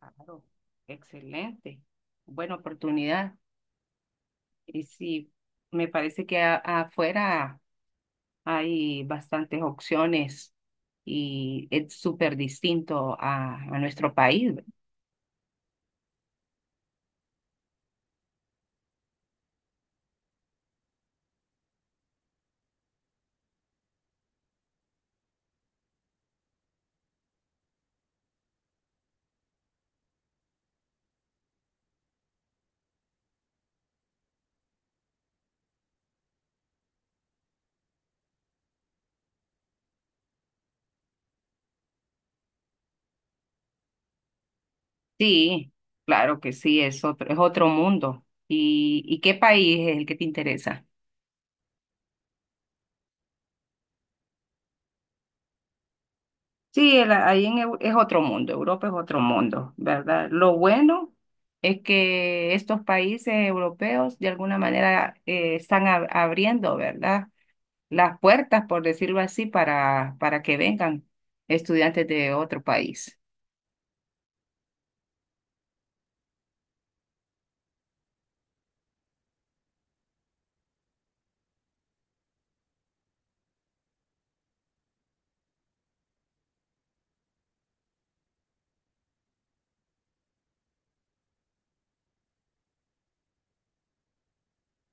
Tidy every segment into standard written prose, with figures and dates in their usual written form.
Claro, excelente. Buena oportunidad. Y sí, me parece que afuera hay bastantes opciones y es súper distinto a nuestro país, ¿ve? Sí, claro que sí, es otro mundo. Y qué país es el que te interesa? Sí, ahí en, es otro mundo, Europa es otro mundo, ¿verdad? Lo bueno es que estos países europeos de alguna manera están abriendo, ¿verdad? Las puertas, por decirlo así, para que vengan estudiantes de otro país.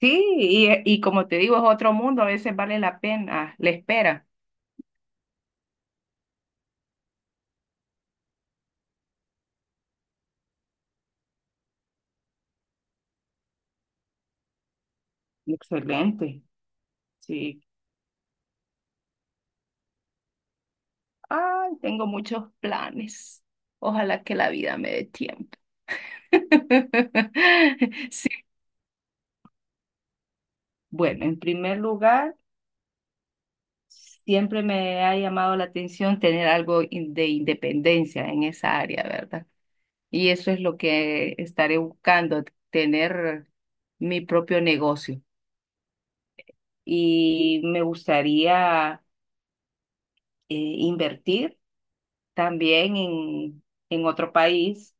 Sí, y como te digo, es otro mundo, a veces vale la pena la espera. Excelente, sí. Ay, tengo muchos planes. Ojalá que la vida me dé tiempo. Sí. Bueno, en primer lugar, siempre me ha llamado la atención tener algo de independencia en esa área, ¿verdad? Y eso es lo que estaré buscando, tener mi propio negocio. Y me gustaría invertir también en otro país.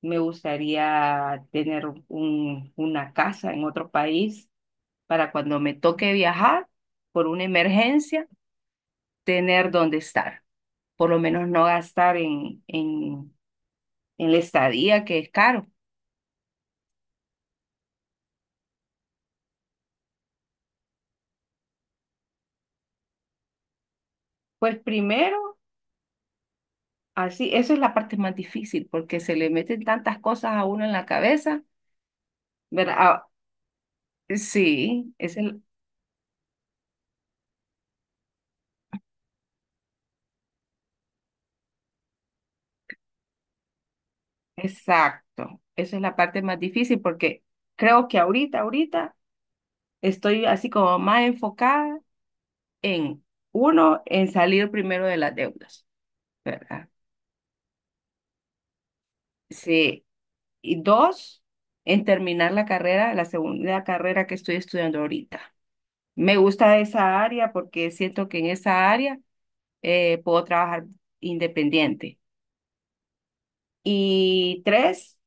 Me gustaría tener una casa en otro país para cuando me toque viajar por una emergencia, tener dónde estar. Por lo menos no gastar en la estadía, que es caro. Pues primero así, eso es la parte más difícil, porque se le meten tantas cosas a uno en la cabeza, ¿verdad? Ah, sí, es el, exacto, esa es la parte más difícil, porque creo que ahorita estoy así como más enfocada en, uno, en salir primero de las deudas, ¿verdad? Sí, y dos, en terminar la carrera, la segunda carrera que estoy estudiando ahorita. Me gusta esa área porque siento que en esa área puedo trabajar independiente. Y tres,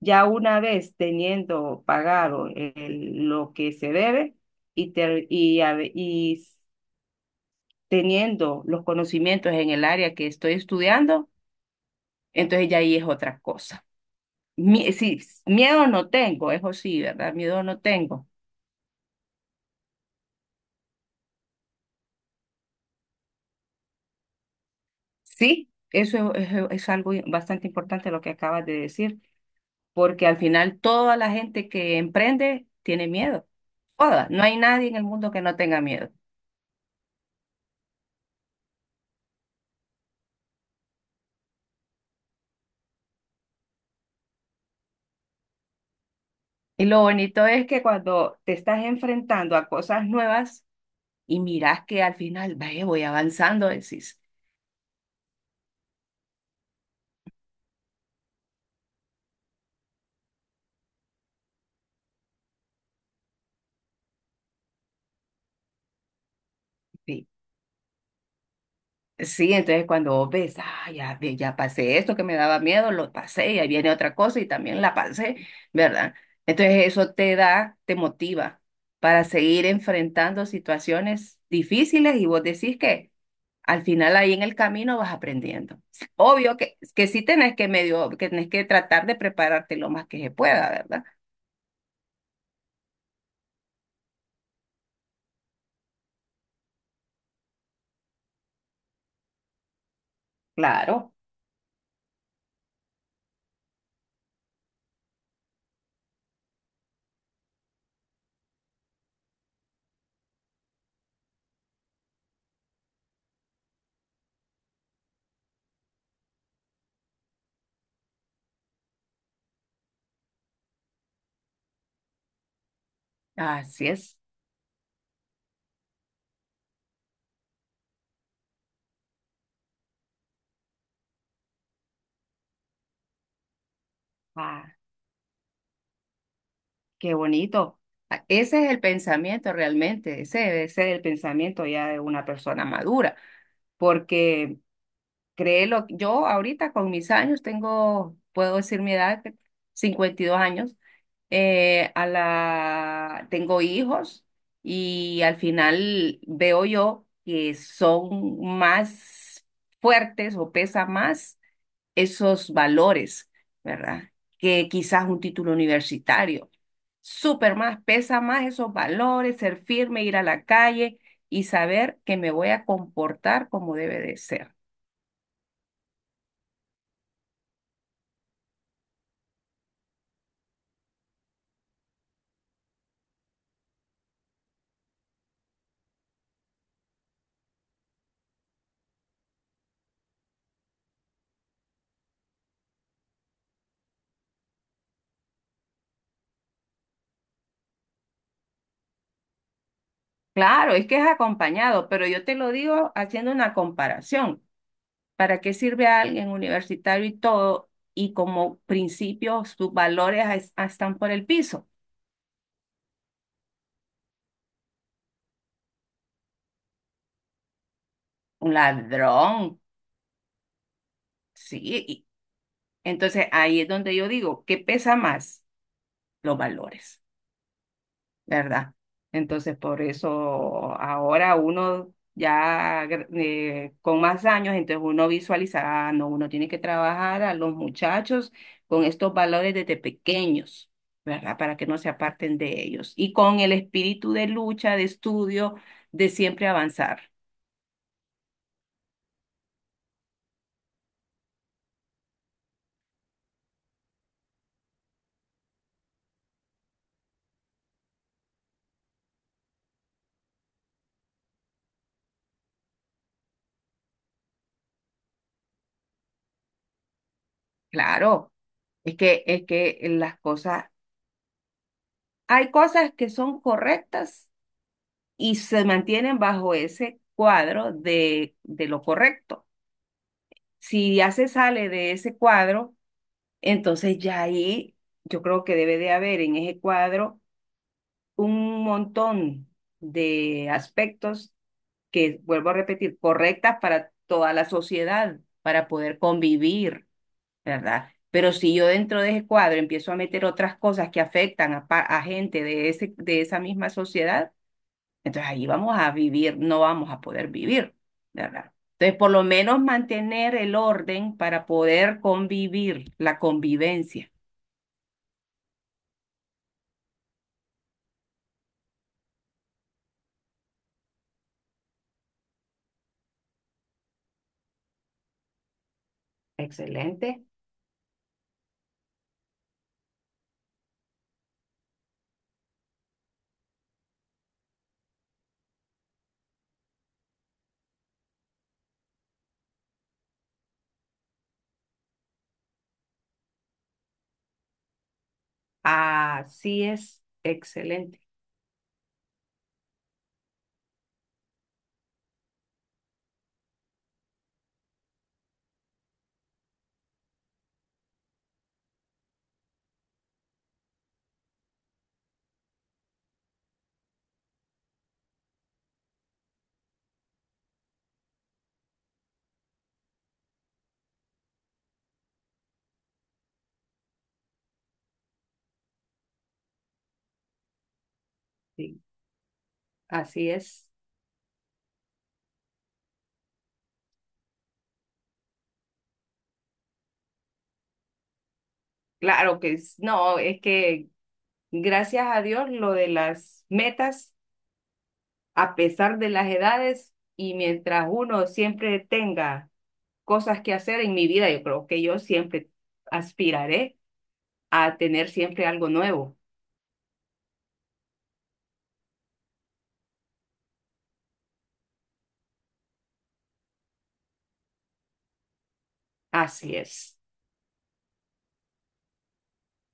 ya una vez teniendo pagado lo que se debe y, ter- y, a y teniendo los conocimientos en el área que estoy estudiando, entonces ya ahí es otra cosa. Sí, miedo no tengo, eso sí, ¿verdad? Miedo no tengo. Sí, eso es, es algo bastante importante lo que acabas de decir, porque al final toda la gente que emprende tiene miedo. Toda, no hay nadie en el mundo que no tenga miedo. Y lo bonito es que cuando te estás enfrentando a cosas nuevas y miras que al final, ve voy avanzando, decís, sí, sí, entonces cuando vos ves, ah, ya, ya pasé esto que me daba miedo, lo pasé y ahí viene otra cosa y también la pasé, ¿verdad? Entonces eso te da, te motiva para seguir enfrentando situaciones difíciles y vos decís que al final ahí en el camino vas aprendiendo. Obvio que sí tenés que medio, que tenés que tratar de prepararte lo más que se pueda, ¿verdad? Claro, así es. Ah, qué bonito. Ah, ese es el pensamiento realmente, ese debe ser el pensamiento ya de una persona madura, porque créelo, yo ahorita con mis años tengo, puedo decir mi edad, que 52 años, a la, tengo hijos y al final veo yo que son más fuertes o pesa más esos valores, ¿verdad? Que quizás un título universitario. Súper más, pesa más esos valores, ser firme, ir a la calle y saber que me voy a comportar como debe de ser. Claro, es que es acompañado, pero yo te lo digo haciendo una comparación. ¿Para qué sirve a alguien universitario y todo? Y como principio, sus valores ah, están por el piso. Un ladrón, sí. y- Entonces ahí es donde yo digo, ¿qué pesa más? Los valores. ¿Verdad? Entonces, por eso ahora uno ya con más años, entonces uno visualiza, ah, no, uno tiene que trabajar a los muchachos con estos valores desde pequeños, ¿verdad? Para que no se aparten de ellos. Y con el espíritu de lucha, de estudio, de siempre avanzar. Claro, es que las cosas, hay cosas que son correctas y se mantienen bajo ese cuadro de lo correcto. Si ya se sale de ese cuadro, entonces ya ahí yo creo que debe de haber en ese cuadro un montón de aspectos que, vuelvo a repetir, correctas para toda la sociedad, para poder convivir, ¿verdad? Pero si yo dentro de ese cuadro empiezo a meter otras cosas que afectan a, a gente de ese, de esa misma sociedad, entonces ahí vamos a vivir, no vamos a poder vivir, ¿verdad? Entonces, por lo menos mantener el orden para poder convivir, la convivencia. Excelente. Así es, excelente. Sí, así es. Claro que no, es que gracias a Dios lo de las metas, a pesar de las edades y mientras uno siempre tenga cosas que hacer en mi vida, yo creo que yo siempre aspiraré a tener siempre algo nuevo. Así es.